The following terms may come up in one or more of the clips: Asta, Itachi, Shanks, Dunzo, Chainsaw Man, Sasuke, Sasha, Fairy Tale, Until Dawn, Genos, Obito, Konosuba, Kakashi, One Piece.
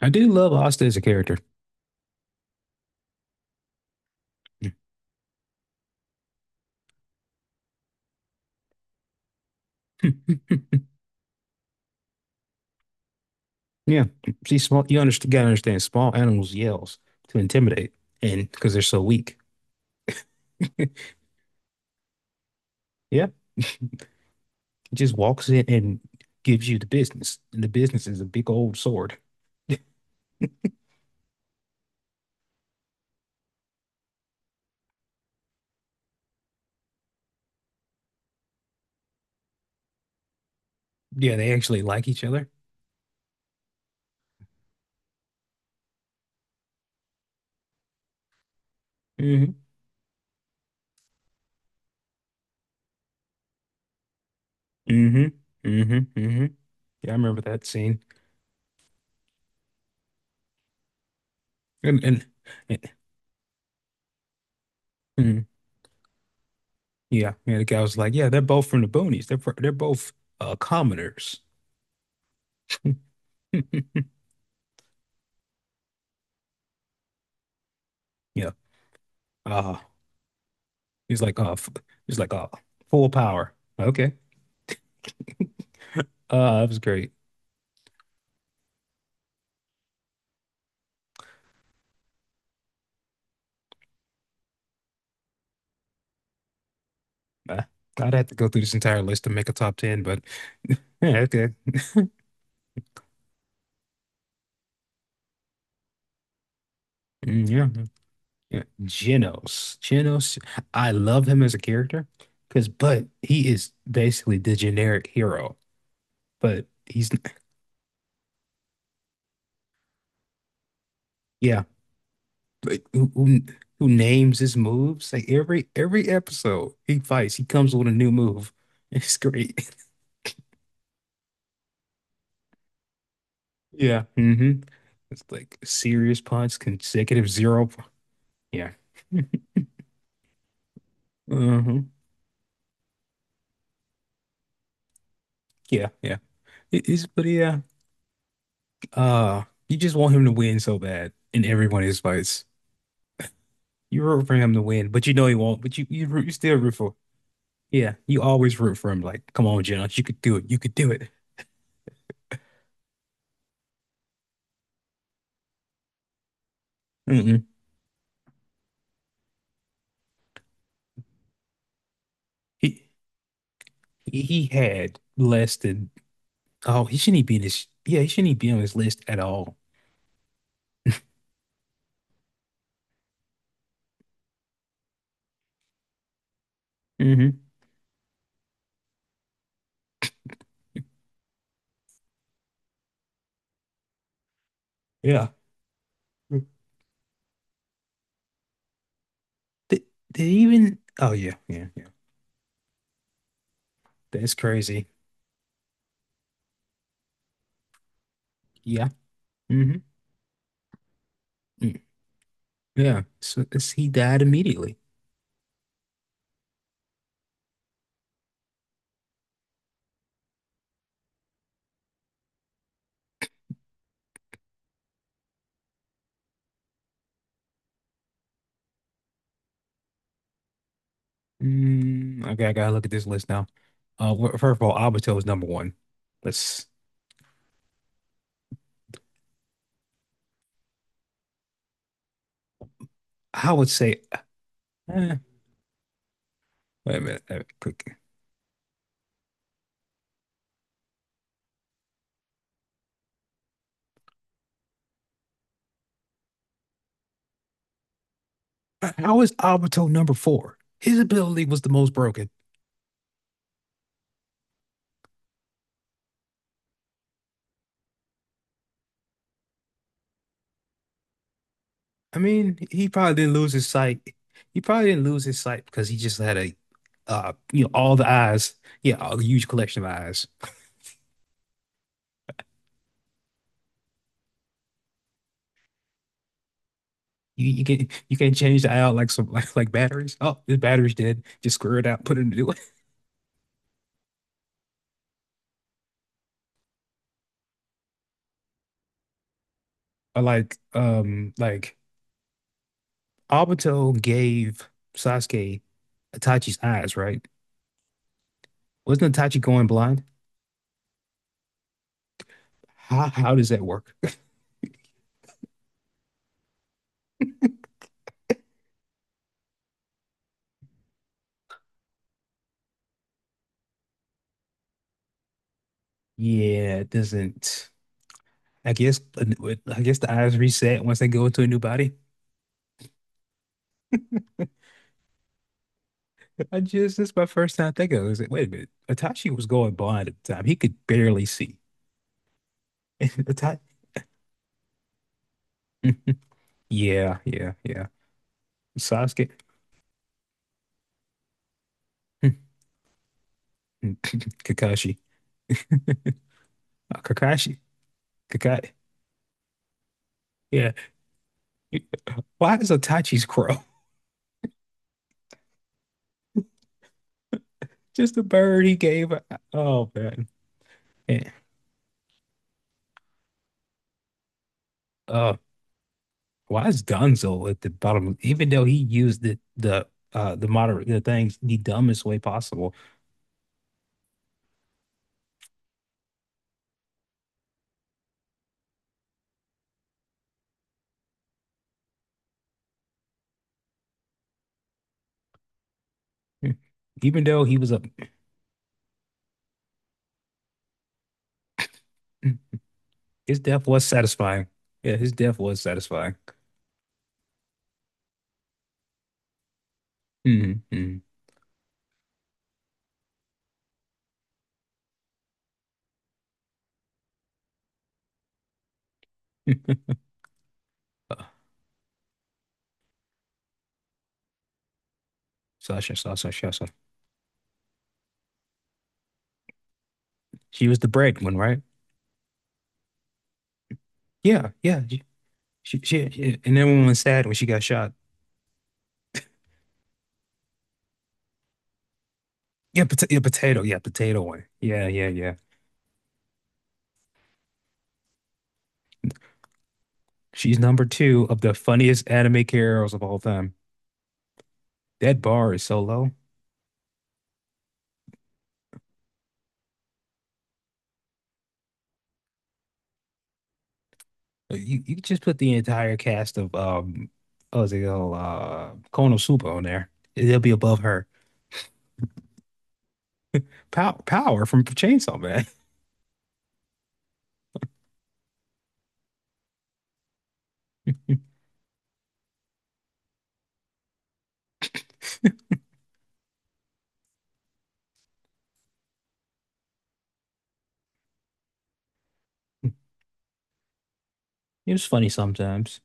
I do love Asta as a character. Yeah, she's small. You understand, gotta understand, small animals yells to intimidate, and because they're so weak. Yeah, just walks in and gives you the business, and the business is a big old sword. Yeah, they actually like each other. Hmm. Hmm. Hmm. Hmm. Yeah, I remember that scene. And and, and mhm. Yeah, yeah, the guy was like, "Yeah, they're both from the boonies. They're both commoners." Yeah. Uh, he's like, "Uh, f- he's like, "Full power." Okay. It was great. Uh, I'd have to go through this entire list to make a top 10, but yeah, okay. Mm, yeah. Yeah. Genos. Genos. I love him as a character because, but he is basically the generic hero, but yeah, but who names his moves? Like every episode he fights, he comes with a new move. It's great. Yeah. Mm-hmm. It's like serious punch, consecutive zero. Yeah. Mm-hmm. Yeah, yeah. It is, but yeah. You just want him to win so bad in every one of his fights. You root for him to win, but you know he won't. But you still root for. Yeah, you always root for him. Like, come on, Jones, you could do it. You could do it. Mm-mm. He he he had less than. Oh, he shouldn't be in his. Yeah, he shouldn't be on his list at all. Hmm. Yeah. Did, did he even? Oh yeah, yeah, yeah. That's crazy. Yeah. Hmm. Yeah. So it's, he died immediately. Mm, okay, I gotta look at this list now. First of all, Obito is number one. Let's. I would say. eh, Wait a minute. Quick. How is Obito number four? His ability was the most broken. I mean, he probably didn't lose his sight. He probably didn't lose his sight because he just had a, you know, all the eyes. Yeah, a huge collection of eyes. You can not change the eye out like some like batteries. Oh, this battery's dead. Just screw it out. Put it in a new one. Or like. Obito gave Sasuke Itachi's eyes, right? Wasn't Itachi going blind? How does that work? Yeah, it doesn't. I guess the eyes reset once they go into a new body. I just this is my first time thinking. Of it. I was like, wait a minute, Itachi was going blind at the time. He could barely see. Itachi. Mm. Yeah, yeah, yeah. Sasuke. Mm. Kakashi. Kakashi. Kakashi. Yeah. Why is Itachi's crow? Just a bird he gave. A- Oh man. Yeah. Uh, why is Dunzo at the bottom? Even though he used the moderate the things the dumbest way possible. Even though he was a his death was satisfying. Yeah, his death was satisfying. Mm-hmm. Uh, Sasha. She was the bread one, right? Yeah, yeah. She, and everyone was sad when she got shot. Yeah, potato. Yeah, potato one. Yeah, yeah, yeah. She's number two of the funniest anime characters of all time. That bar is so low. You you could just put the entire cast of what's it called Konosuba on there. It'll be above her. Power from Chainsaw Man. It was funny sometimes.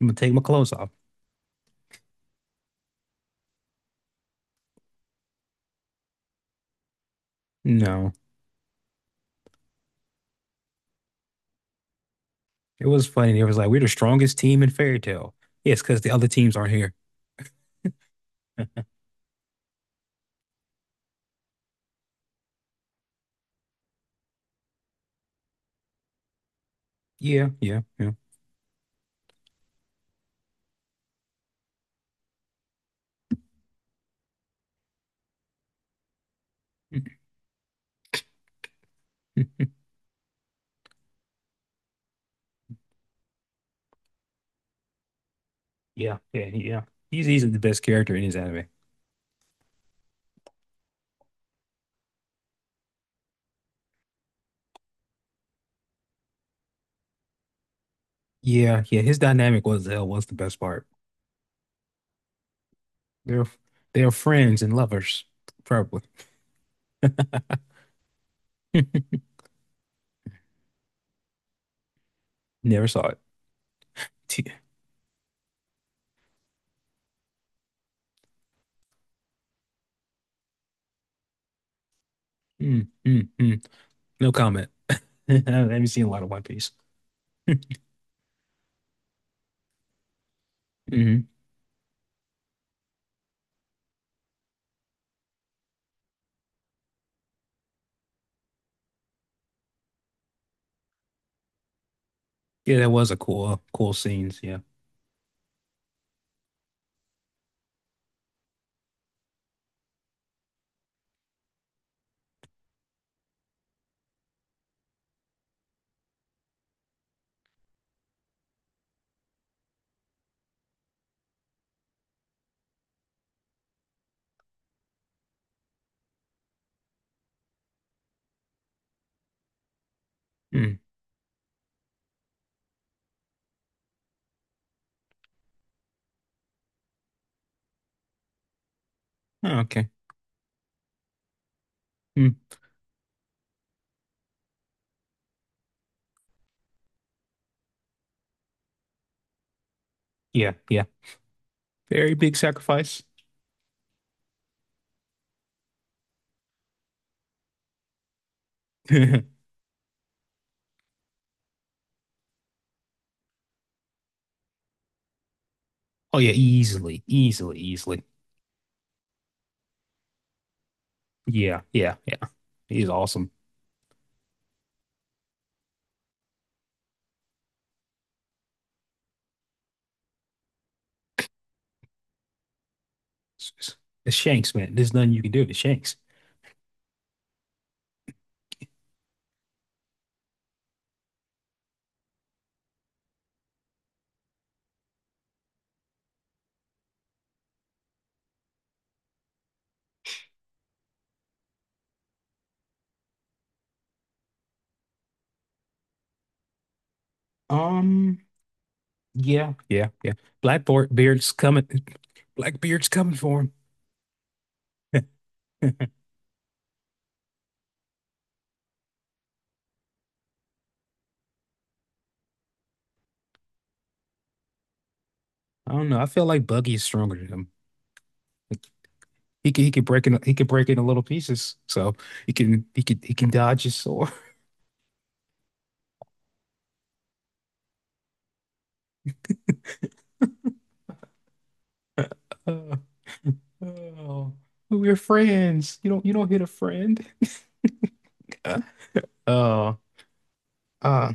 I'm gonna take my clothes off. No, it was funny. It was like we're the strongest team in Fairy Tale. Yes, because the other teams aren't here. Yeah, yeah, yeah, yeah, yeah, yeah. He's easily the best character in his anime. Yeah, yeah. His dynamic was the best part. They're they're friends and lovers, probably. Never saw it. T mm, mm, mm. No comment. I haven't seen a lot of One Piece. Hmm. Yeah, that was a cool, cool scenes. Yeah. Mm. Oh, okay. Mm. Yeah, yeah. Very big sacrifice. Oh yeah, easily, easily, easily. Yeah, yeah, yeah. He's awesome. It's, it's- it's Shanks, man. There's nothing you can do to Shanks. Um. Yeah, yeah, yeah. Blackbeard's coming. Blackbeard's coming for him. I don't know. I feel like Buggy's stronger than him. He can break in. He can break it into little pieces. So he can dodge his sword. Oh, we're friends. You don't hit a friend. Oh, uh,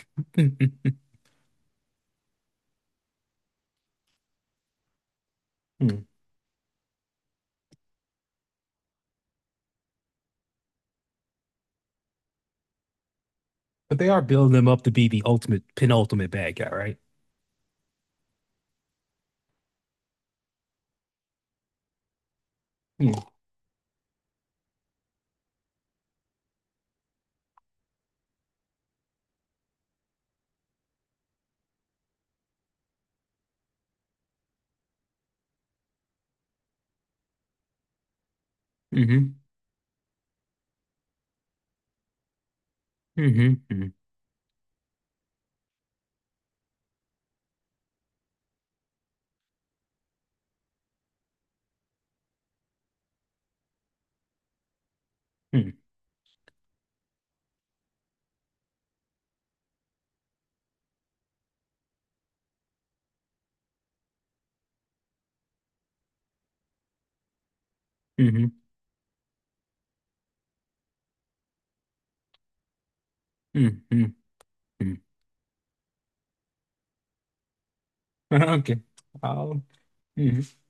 but they are building him up to be the ultimate penultimate bad guy, right? Mm-hmm. Mm-hmm. Mm-hmm. Mm-hmm. Mm-hmm. Mm-hmm. Okay. I'll. Mhm.